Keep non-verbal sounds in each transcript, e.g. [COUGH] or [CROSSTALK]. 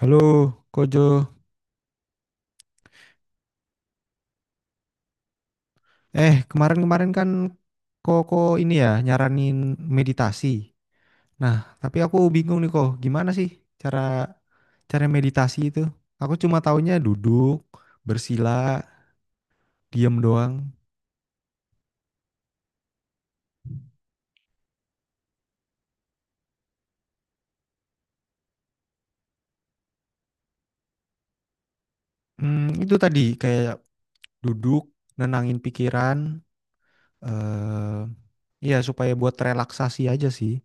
Halo, Kojo. Kemarin-kemarin kan Koko ini ya nyaranin meditasi. Nah, tapi aku bingung nih kok, gimana sih cara cara meditasi itu? Aku cuma taunya duduk, bersila, diam doang. Itu tadi kayak duduk, nenangin pikiran, eh iya supaya buat relaksasi aja sih.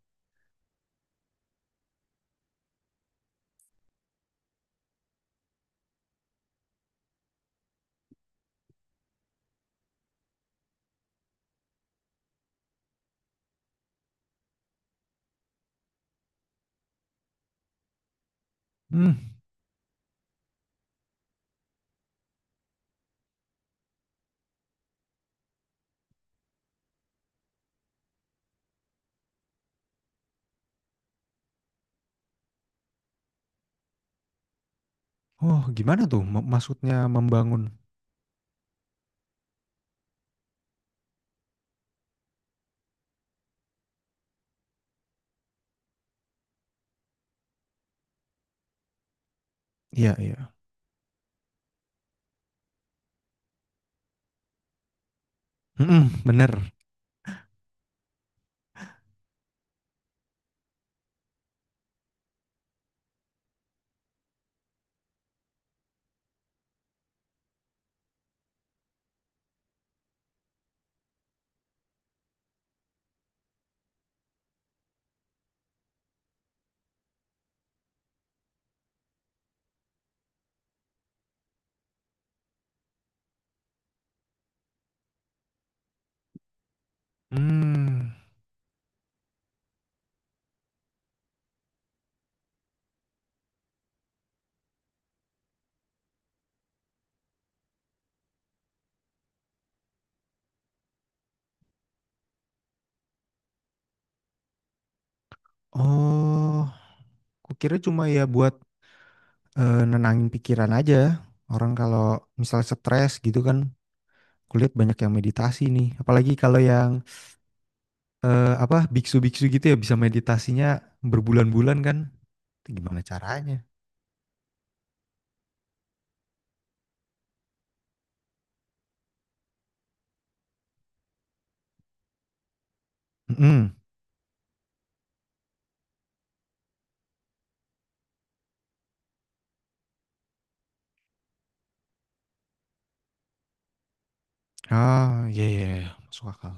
Hmm, oh gimana tuh maksudnya membangun? Iya, iya. Mm-mm, bener. Hmm. Oh. Kukira cuma ya buat nenangin pikiran aja. Orang kalau misalnya stres gitu kan, kulihat banyak yang meditasi nih. Apalagi kalau yang apa biksu-biksu gitu ya bisa meditasinya berbulan-bulan kan? Itu gimana caranya? Mm-mm. Ah, iya iya iya, masuk akal.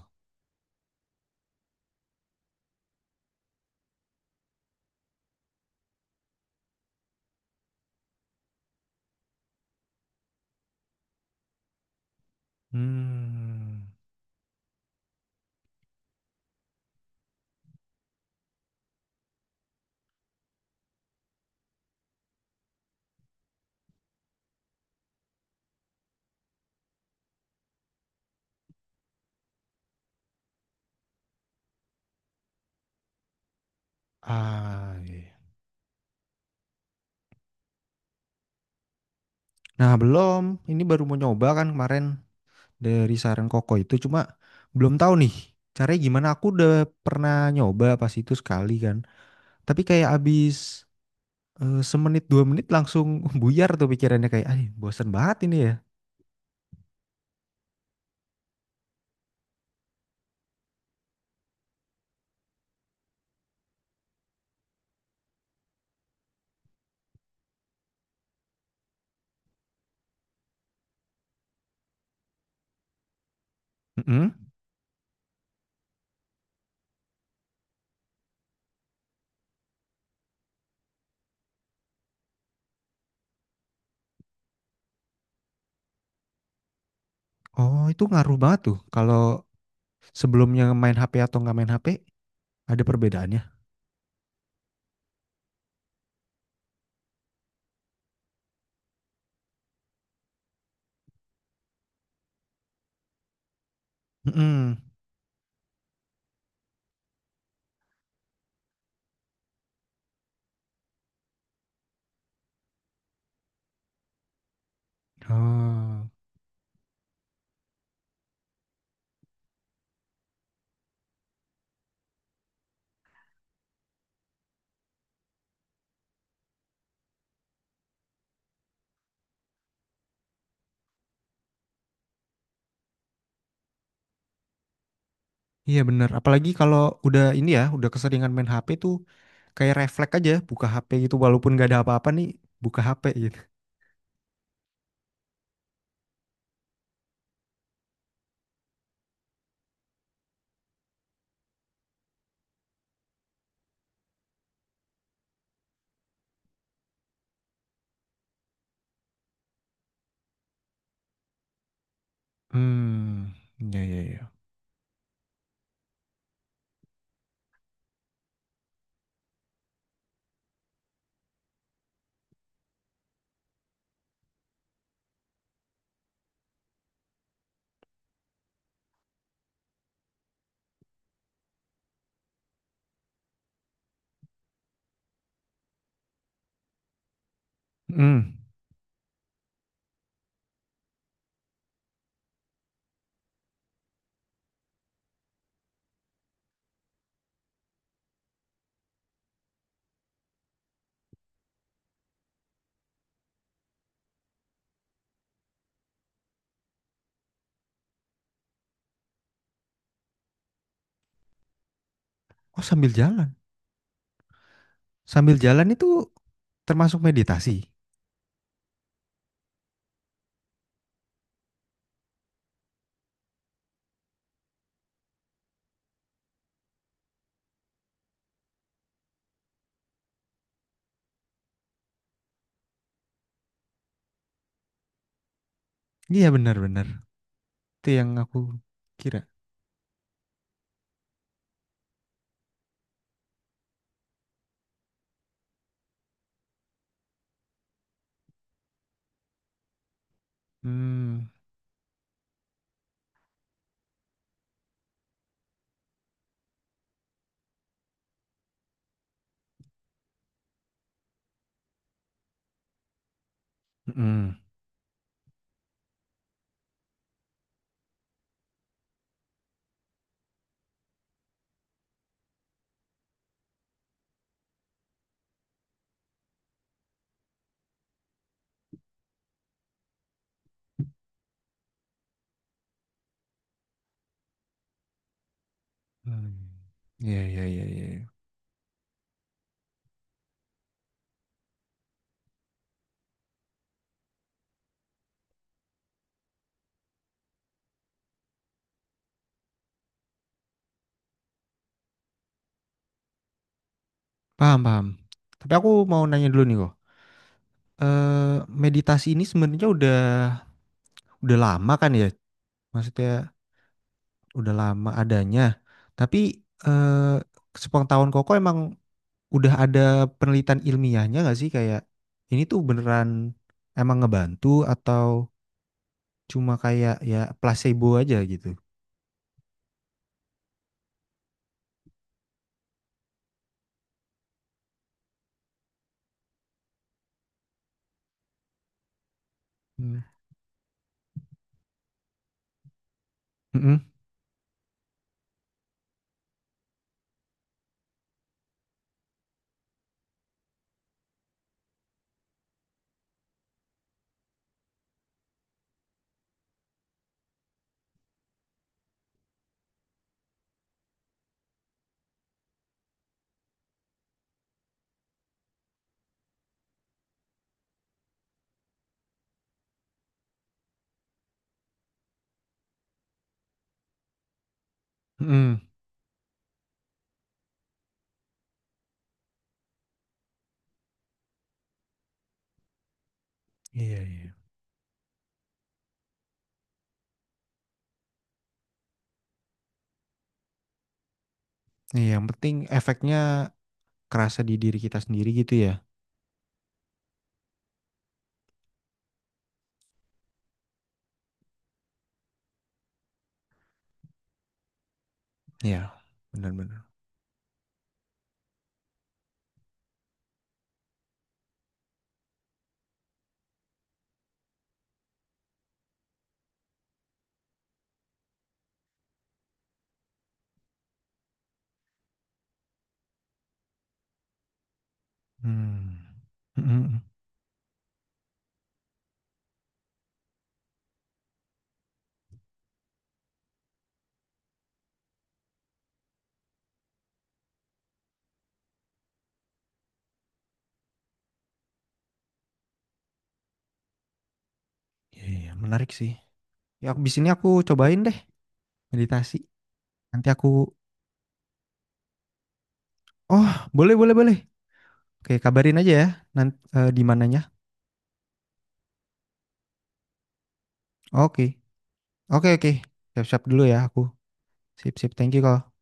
Hmm. Ah, iya, iya. Nah, belum. Ini baru mau nyoba kan kemarin dari saran Koko itu cuma belum tahu nih caranya gimana. Aku udah pernah nyoba pas itu sekali kan. Tapi kayak abis semenit dua menit langsung [LAUGHS] buyar tuh pikirannya kayak, ah bosen banget ini ya. Mm-mm. Oh itu ngaruh banget tuh. Kalau sebelumnya main HP atau nggak main HP ada perbedaannya. Mm-mm. Oh iya bener. Apalagi kalau udah ini ya, udah keseringan main HP tuh kayak refleks aja buka HP gitu walaupun nggak ada apa-apa nih buka HP gitu. Hmm, ya ya ya. Hmm. Oh sambil jalan itu termasuk meditasi. Iya benar-benar. Itu yang aku kira. Hmm. Mm-mm. Hmm. Iya, iya, iya, iya. Paham, paham. Tapi aku mau nanya dulu nih kok. Eh, meditasi ini sebenarnya udah lama kan ya? Maksudnya udah lama adanya. Tapi eh, sepengetahuan Koko emang udah ada penelitian ilmiahnya nggak sih kayak ini tuh beneran emang ngebantu atau cuma kayak ya placebo aja gitu? Hmm. Mm-mm. Mm-mm. Iya, iya. Iya, yang penting efeknya kerasa di diri kita sendiri gitu ya. Iya, benar-benar. Hmm. Mhm. Iya, iya, menarik sih. Ya, abis ini aku cobain deh meditasi. Nanti aku, oh, boleh, boleh, boleh. Oke, kabarin aja ya, nanti di mananya. Oke, oke, oke. Siap-siap dulu ya aku. Sip, sip. Thank you, Kak.